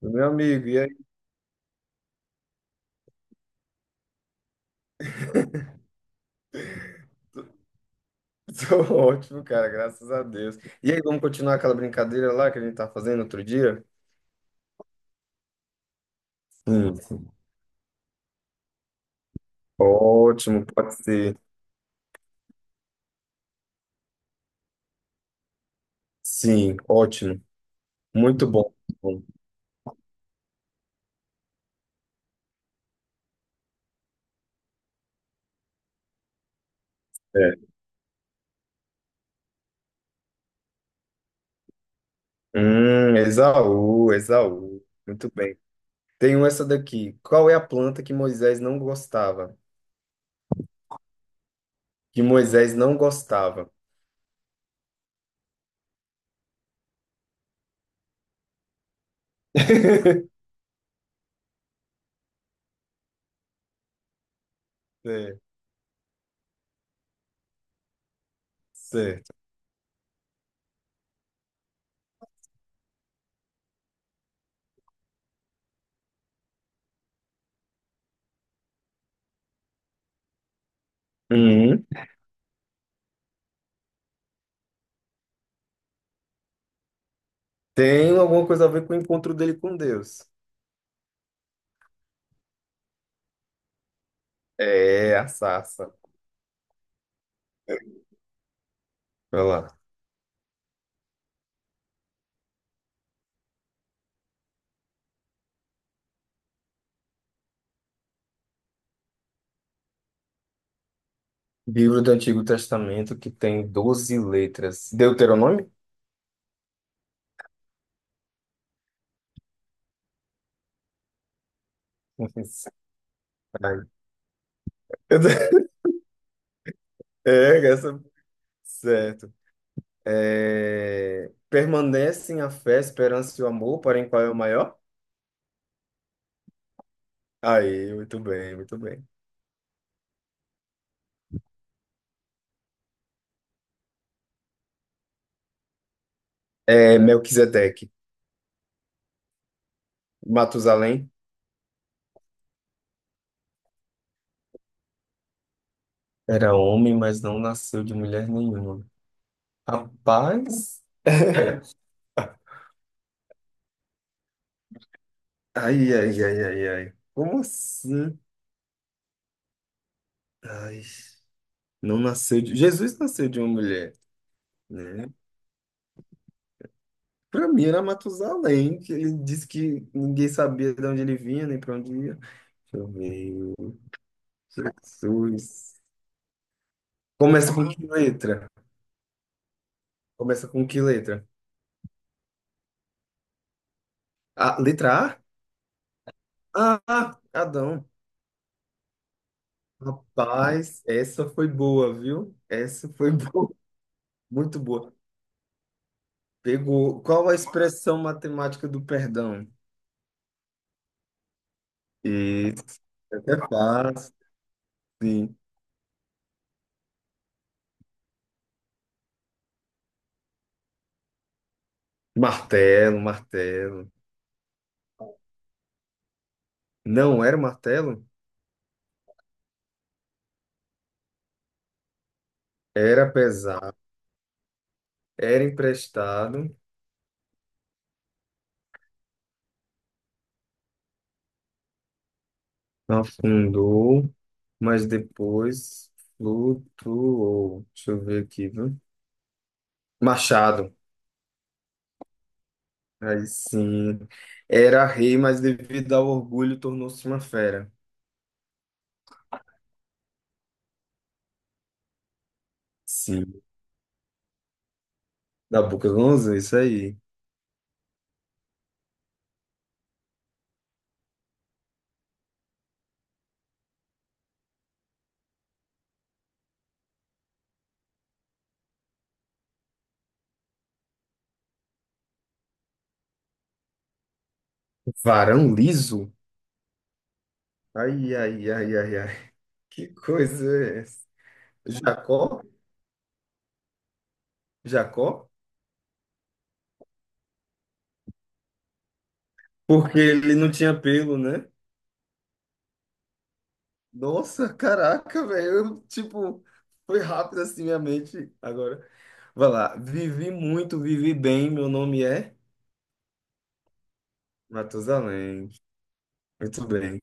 Meu amigo, e aí? Tô ótimo, cara, graças a Deus. E aí, vamos continuar aquela brincadeira lá que a gente tá fazendo outro dia? Sim, sim. Ótimo, pode ser. Sim, ótimo. Muito bom. Muito bom, é. Esaú, Esaú. Muito bem. Tem um essa daqui. Qual é a planta que Moisés não gostava? Que Moisés não gostava. Certo, certo. Uhum. Tem alguma coisa a ver com o encontro dele com Deus. É, a sarça. Vai lá. Livro do Antigo Testamento que tem 12 letras. Deuteronômio? Ai. É, essa... Certo. É... Permanecem a fé, a esperança e o amor, porém qual é o maior? Aí, muito bem, muito bem. É Melquisedeque. Matusalém era homem, mas não nasceu de mulher nenhuma. Rapaz, ai, ai, ai, ai, ai. Como assim? Ai, não nasceu de... Jesus nasceu de uma mulher, né? Para mim era Matusalém, que ele disse que ninguém sabia de onde ele vinha, nem para onde ia. Deixa eu ver. Jesus. Começa com que letra? Começa com que letra? A, letra A? Ah, ah, Adão. Rapaz, essa foi boa, viu? Essa foi boa, muito boa. Pegou. Qual a expressão matemática do perdão? Isso. É fácil, sim. Martelo, martelo. Não era martelo? Era pesado. Era emprestado, afundou, mas depois flutuou. Deixa eu ver aqui, viu? Machado. Aí sim. Era rei, mas devido ao orgulho tornou-se uma fera. Sim. Nabucodonosor, isso aí. Varão liso? Ai, ai, ai, ai, ai. Que coisa é essa? Jacó? Jacó? Porque ele não tinha pelo, né? Nossa, caraca, velho. Eu, tipo, foi rápido assim minha mente. Agora, vai lá. Vivi muito, vivi bem. Meu nome é Matusalém. Muito bem.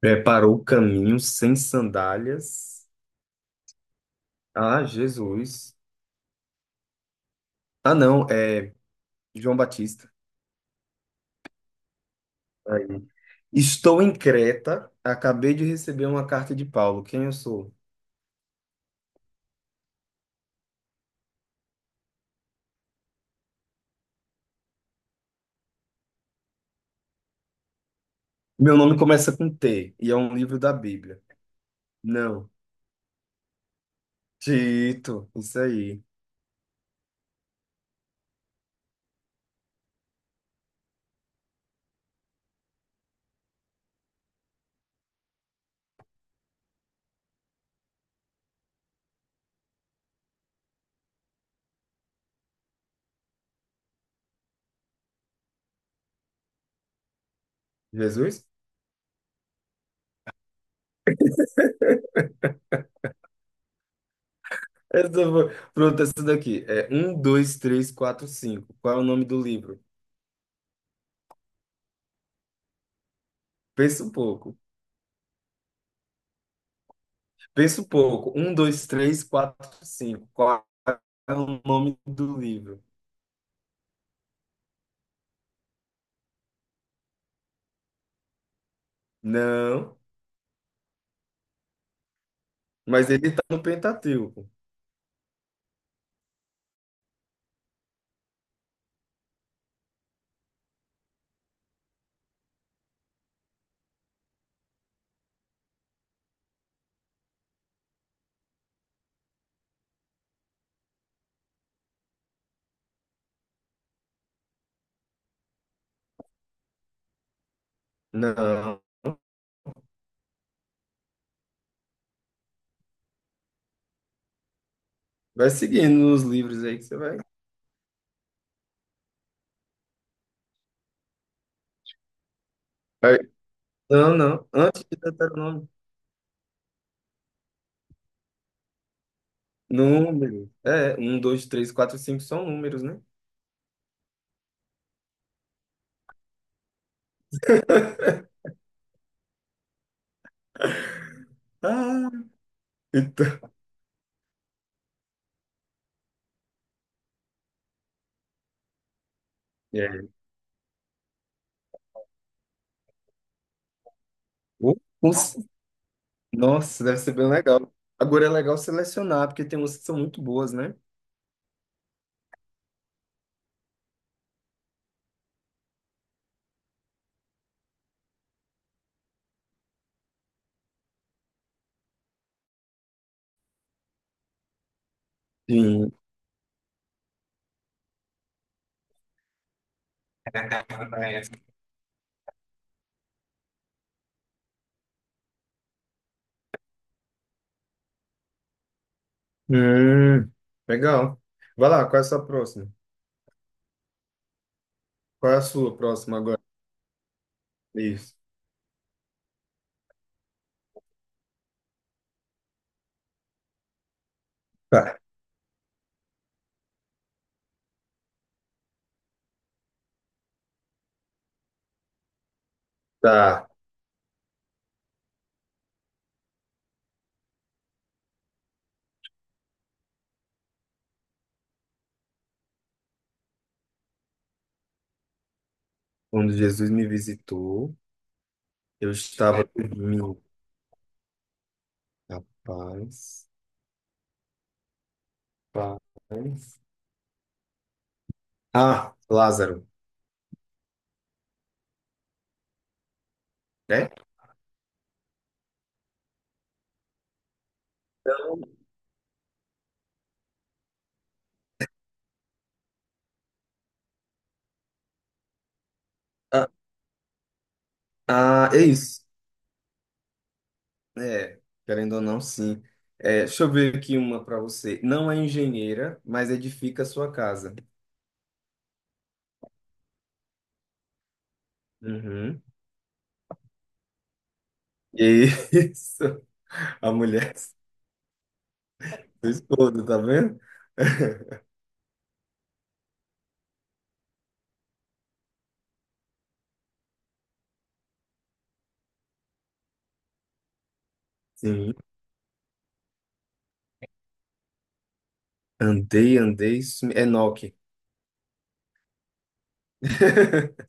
Preparou o caminho sem sandálias. Ah, Jesus. Ah, não, é João Batista. Aí. Estou em Creta. Acabei de receber uma carta de Paulo. Quem eu sou? Meu nome começa com T e é um livro da Bíblia. Não. Tito, isso aí. Jesus? Essa foi... Pronto, essa daqui. É um, dois, três, quatro, cinco. Qual é o nome do livro? Pensa um pouco. Pensa um pouco. Um, dois, três, quatro, cinco. Qual é o nome do livro? Não. Mas ele tá no Pentateuco. Não. Vai seguindo os livros aí que você vai. Vai. Não, não. Antes de Deuteronômio. Número. É, um, dois, três, quatro, cinco são números, né? Ah, então. É. Um, um, nossa, deve ser bem legal. Agora é legal selecionar, porque tem músicas que são muito boas, né? Sim. Hum, legal. Vai lá, qual é a sua próxima? Qual é a sua próxima agora? Isso. Tá. Tá. Quando Jesus me visitou, eu estava dormindo. Rapaz, paz. Ah, Lázaro, né? Ah, ah, é isso. É, querendo ou não, sim. É, deixa eu ver aqui uma para você. Não é engenheira, mas edifica a sua casa. Uhum. E é isso, a mulher do esposo, tá vendo? Sim. Andei, andei, Enoque.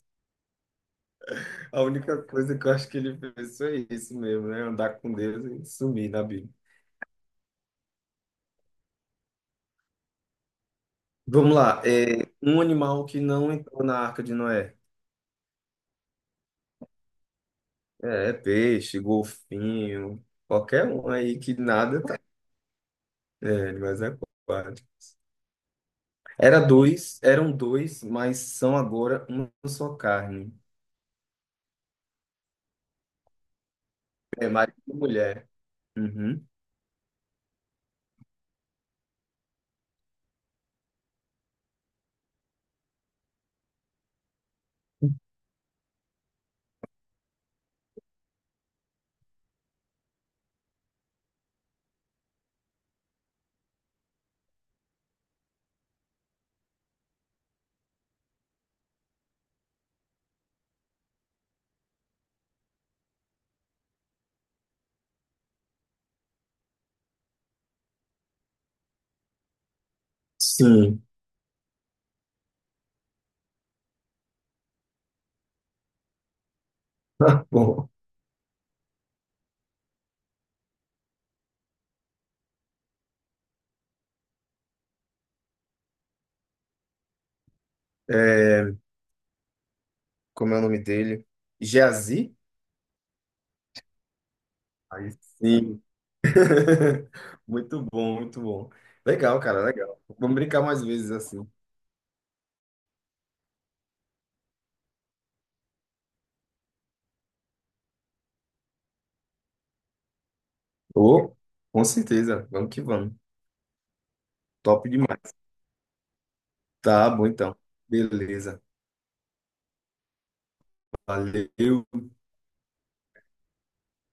A única coisa que eu acho que ele fez foi isso mesmo, né? Andar com Deus e sumir na Bíblia. Vamos lá. É um animal que não entrou na Arca de Noé. É, é peixe, golfinho, qualquer um aí que nada tá. É, mas é aquático. Era dois, eram dois, mas são agora uma só carne. É marido e mulher. Uhum. Sim. Tá bom. É, como é o nome dele? Geazi? Aí sim. Muito bom, muito bom. Legal, cara, legal. Vamos brincar mais vezes assim. Ô, com certeza. Vamos que vamos. Top demais. Tá bom, então. Beleza. Valeu.